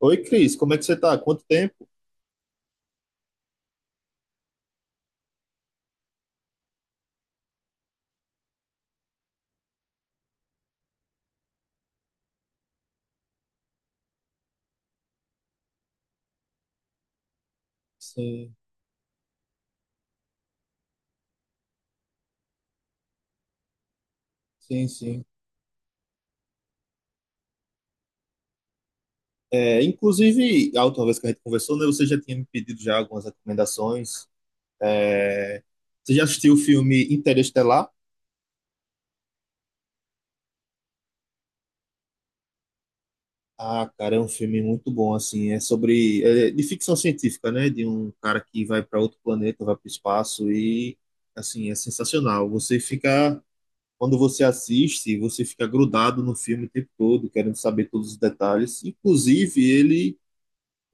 Oi, Cris, como é que você tá? Quanto tempo? Sim, sim, sim. É, inclusive, a última vez que a gente conversou, né, você já tinha me pedido já algumas recomendações. É, você já assistiu o filme Interestelar? Ah, cara, é um filme muito bom, assim, é de ficção científica, né, de um cara que vai para outro planeta, vai para o espaço e, assim, é sensacional. Quando você assiste, você fica grudado no filme o tempo todo, querendo saber todos os detalhes. Inclusive, ele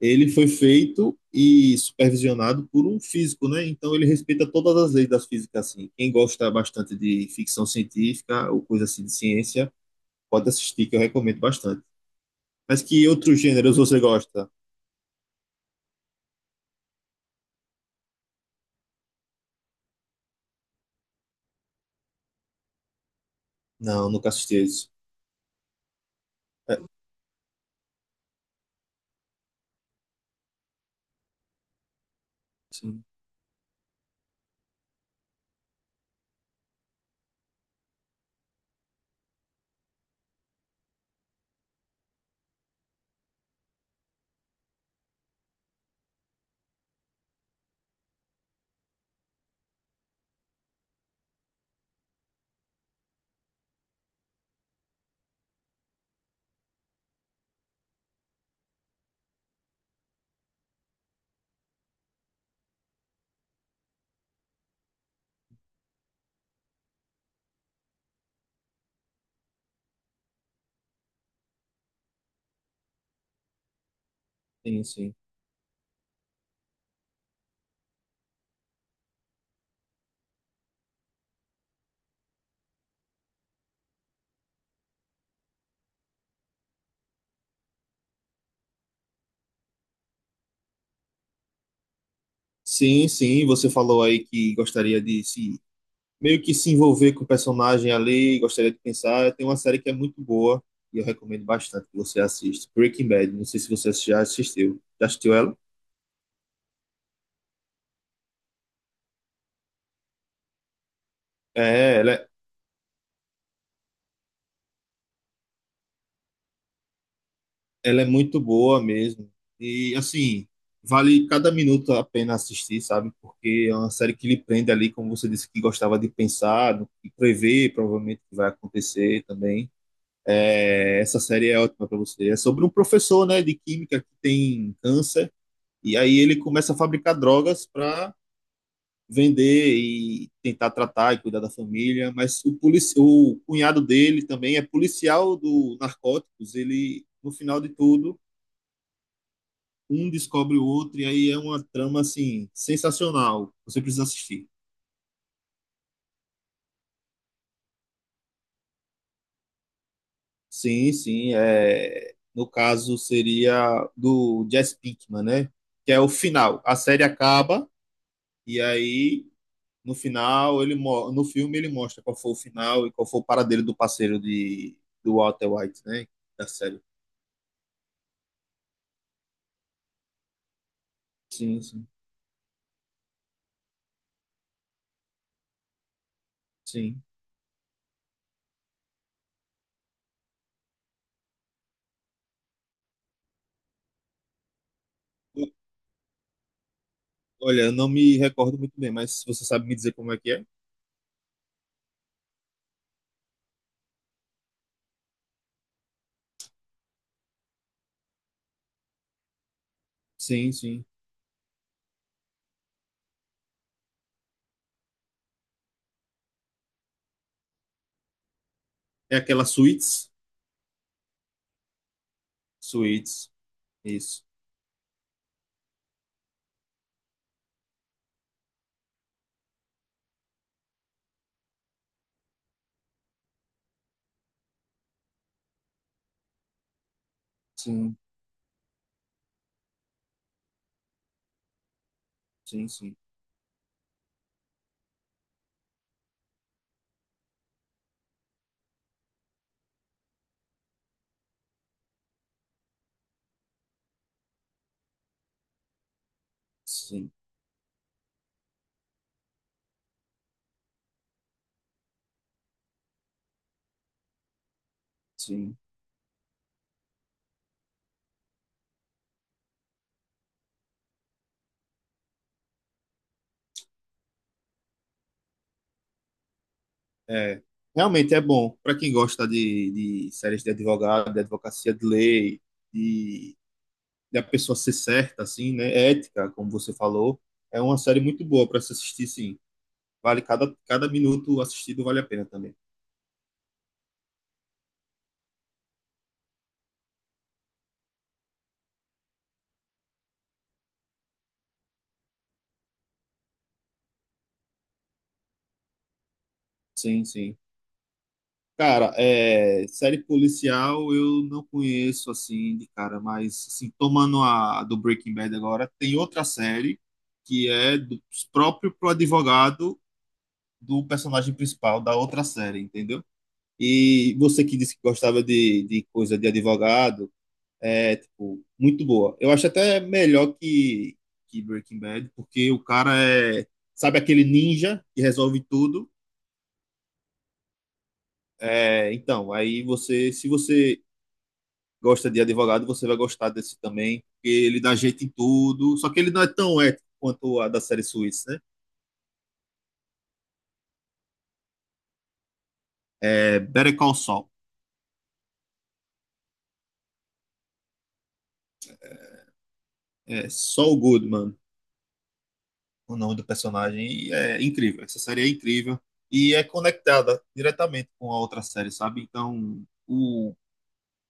ele foi feito e supervisionado por um físico, né? Então ele respeita todas as leis da física, assim. Quem gosta bastante de ficção científica ou coisa assim de ciência, pode assistir, que eu recomendo bastante. Mas que outros gêneros você gosta? Não, nunca assisti isso. Sim, sim, sim. Sim, sim, você falou aí que gostaria de se meio que se envolver com o personagem ali, gostaria de pensar. Tem uma série que é muito boa e eu recomendo bastante que você assista. Breaking Bad, não sei se você já assistiu. Já assistiu ela? É, ela, Ela é muito boa mesmo. E, assim, vale cada minuto a pena assistir, sabe? Porque é uma série que lhe prende ali, como você disse, que gostava de pensar e prever, provavelmente, o que vai acontecer também. É, essa série é ótima para você. É sobre um professor, né, de química que tem câncer, e aí ele começa a fabricar drogas para vender e tentar tratar e cuidar da família, mas o cunhado dele também é policial do narcóticos, ele, no final de tudo, um descobre o outro, e aí é uma trama assim, sensacional. Você precisa assistir. Sim, sim. É... No caso, seria do Jesse Pinkman, né? Que é o final. A série acaba, e aí no final no filme ele mostra qual foi o final e qual foi o paradeiro do parceiro de do Walter White, né? Da série. Sim, sim, sim. O- Olha, eu não me recordo muito bem, mas você sabe me dizer como é que é? Sim, sim. É aquela Suits? Suits. Isso. Sim. Sim, sim, sim, sim. É, realmente é bom para quem gosta de séries de advogado, de advocacia de lei, de, de a pessoa ser certa, assim, né? É Ética, como você falou. É uma série muito boa para se assistir, sim. Vale cada, cada minuto assistido vale a pena também. Sim, sim. Cara, série policial eu não conheço assim de cara, mas assim, tomando a do Breaking Bad agora, tem outra série que é do próprio pro advogado do personagem principal da outra série, entendeu? E você que disse que gostava de coisa de advogado, é, tipo, muito boa. Eu acho até melhor que Breaking Bad, porque o cara é, sabe aquele ninja que resolve tudo? É, então, aí se você gosta de advogado, você vai gostar desse também, porque ele dá jeito em tudo, só que ele não é tão ético quanto a da série suíça, né? É, Better Call Saul, é Saul Goodman, o nome do personagem. E é incrível. Essa série é incrível. E é conectada diretamente com a outra série, sabe? Então, o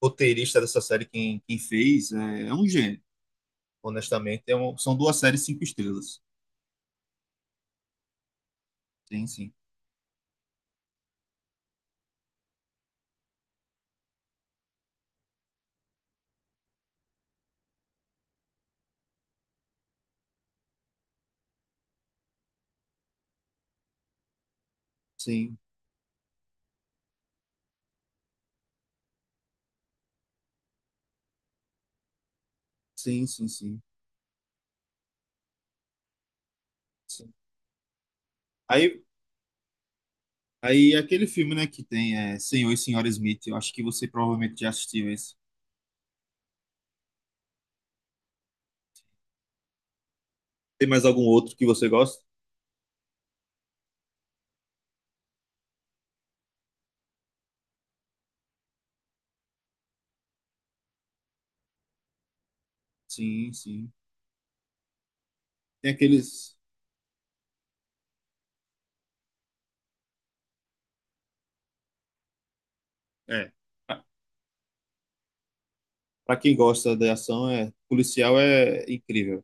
roteirista dessa série, quem, quem fez, é, é um gênio. Honestamente, são duas séries cinco estrelas. Sim, sim. Sim, sim, sim, sim. Sim. Aí, aí aquele filme, né, que tem é, Senhor e Senhora Smith, eu acho que você provavelmente já assistiu esse. Tem mais algum outro que você gosta? Sim, sim. Tem aqueles. É. Pra pra quem gosta de ação, é policial é incrível.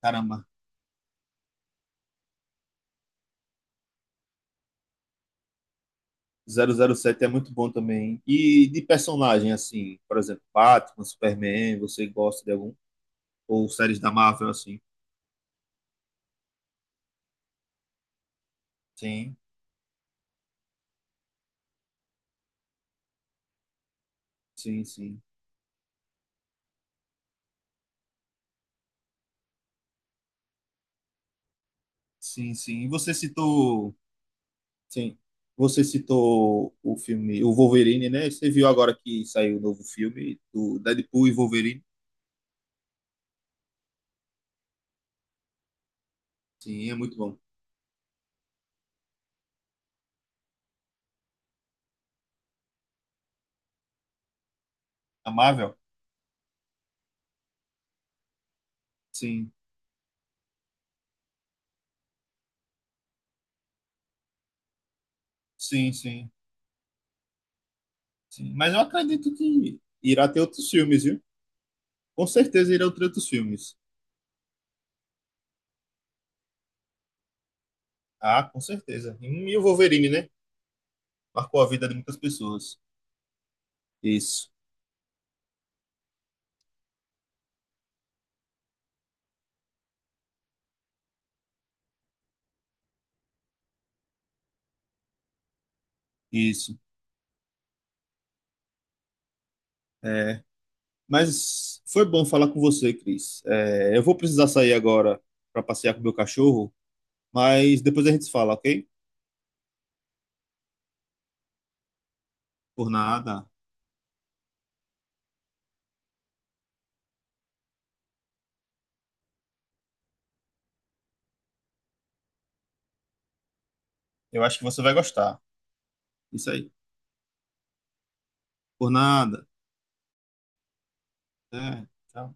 Caramba, 007 é muito bom também. Hein? E de personagem, assim, por exemplo, Batman, Superman, você gosta de algum? Ou séries da Marvel, assim? Sim, sim, sim. Sim, sim. E você citou. Sim. Você citou o filme, o Wolverine, né? Você viu agora que saiu o novo filme do Deadpool e Wolverine? Sim, é muito bom. A Marvel? Sim, sim, sim, sim. Mas eu acredito que irá ter outros filmes, viu? Com certeza irão ter outros filmes. Ah, com certeza. E o Wolverine, né? Marcou a vida de muitas pessoas. Isso, isso. É. Mas foi bom falar com você, Cris. É, eu vou precisar sair agora para passear com o meu cachorro, mas depois a gente se fala, ok? Por nada. Eu acho que você vai gostar. Isso aí. Por nada. É, tchau.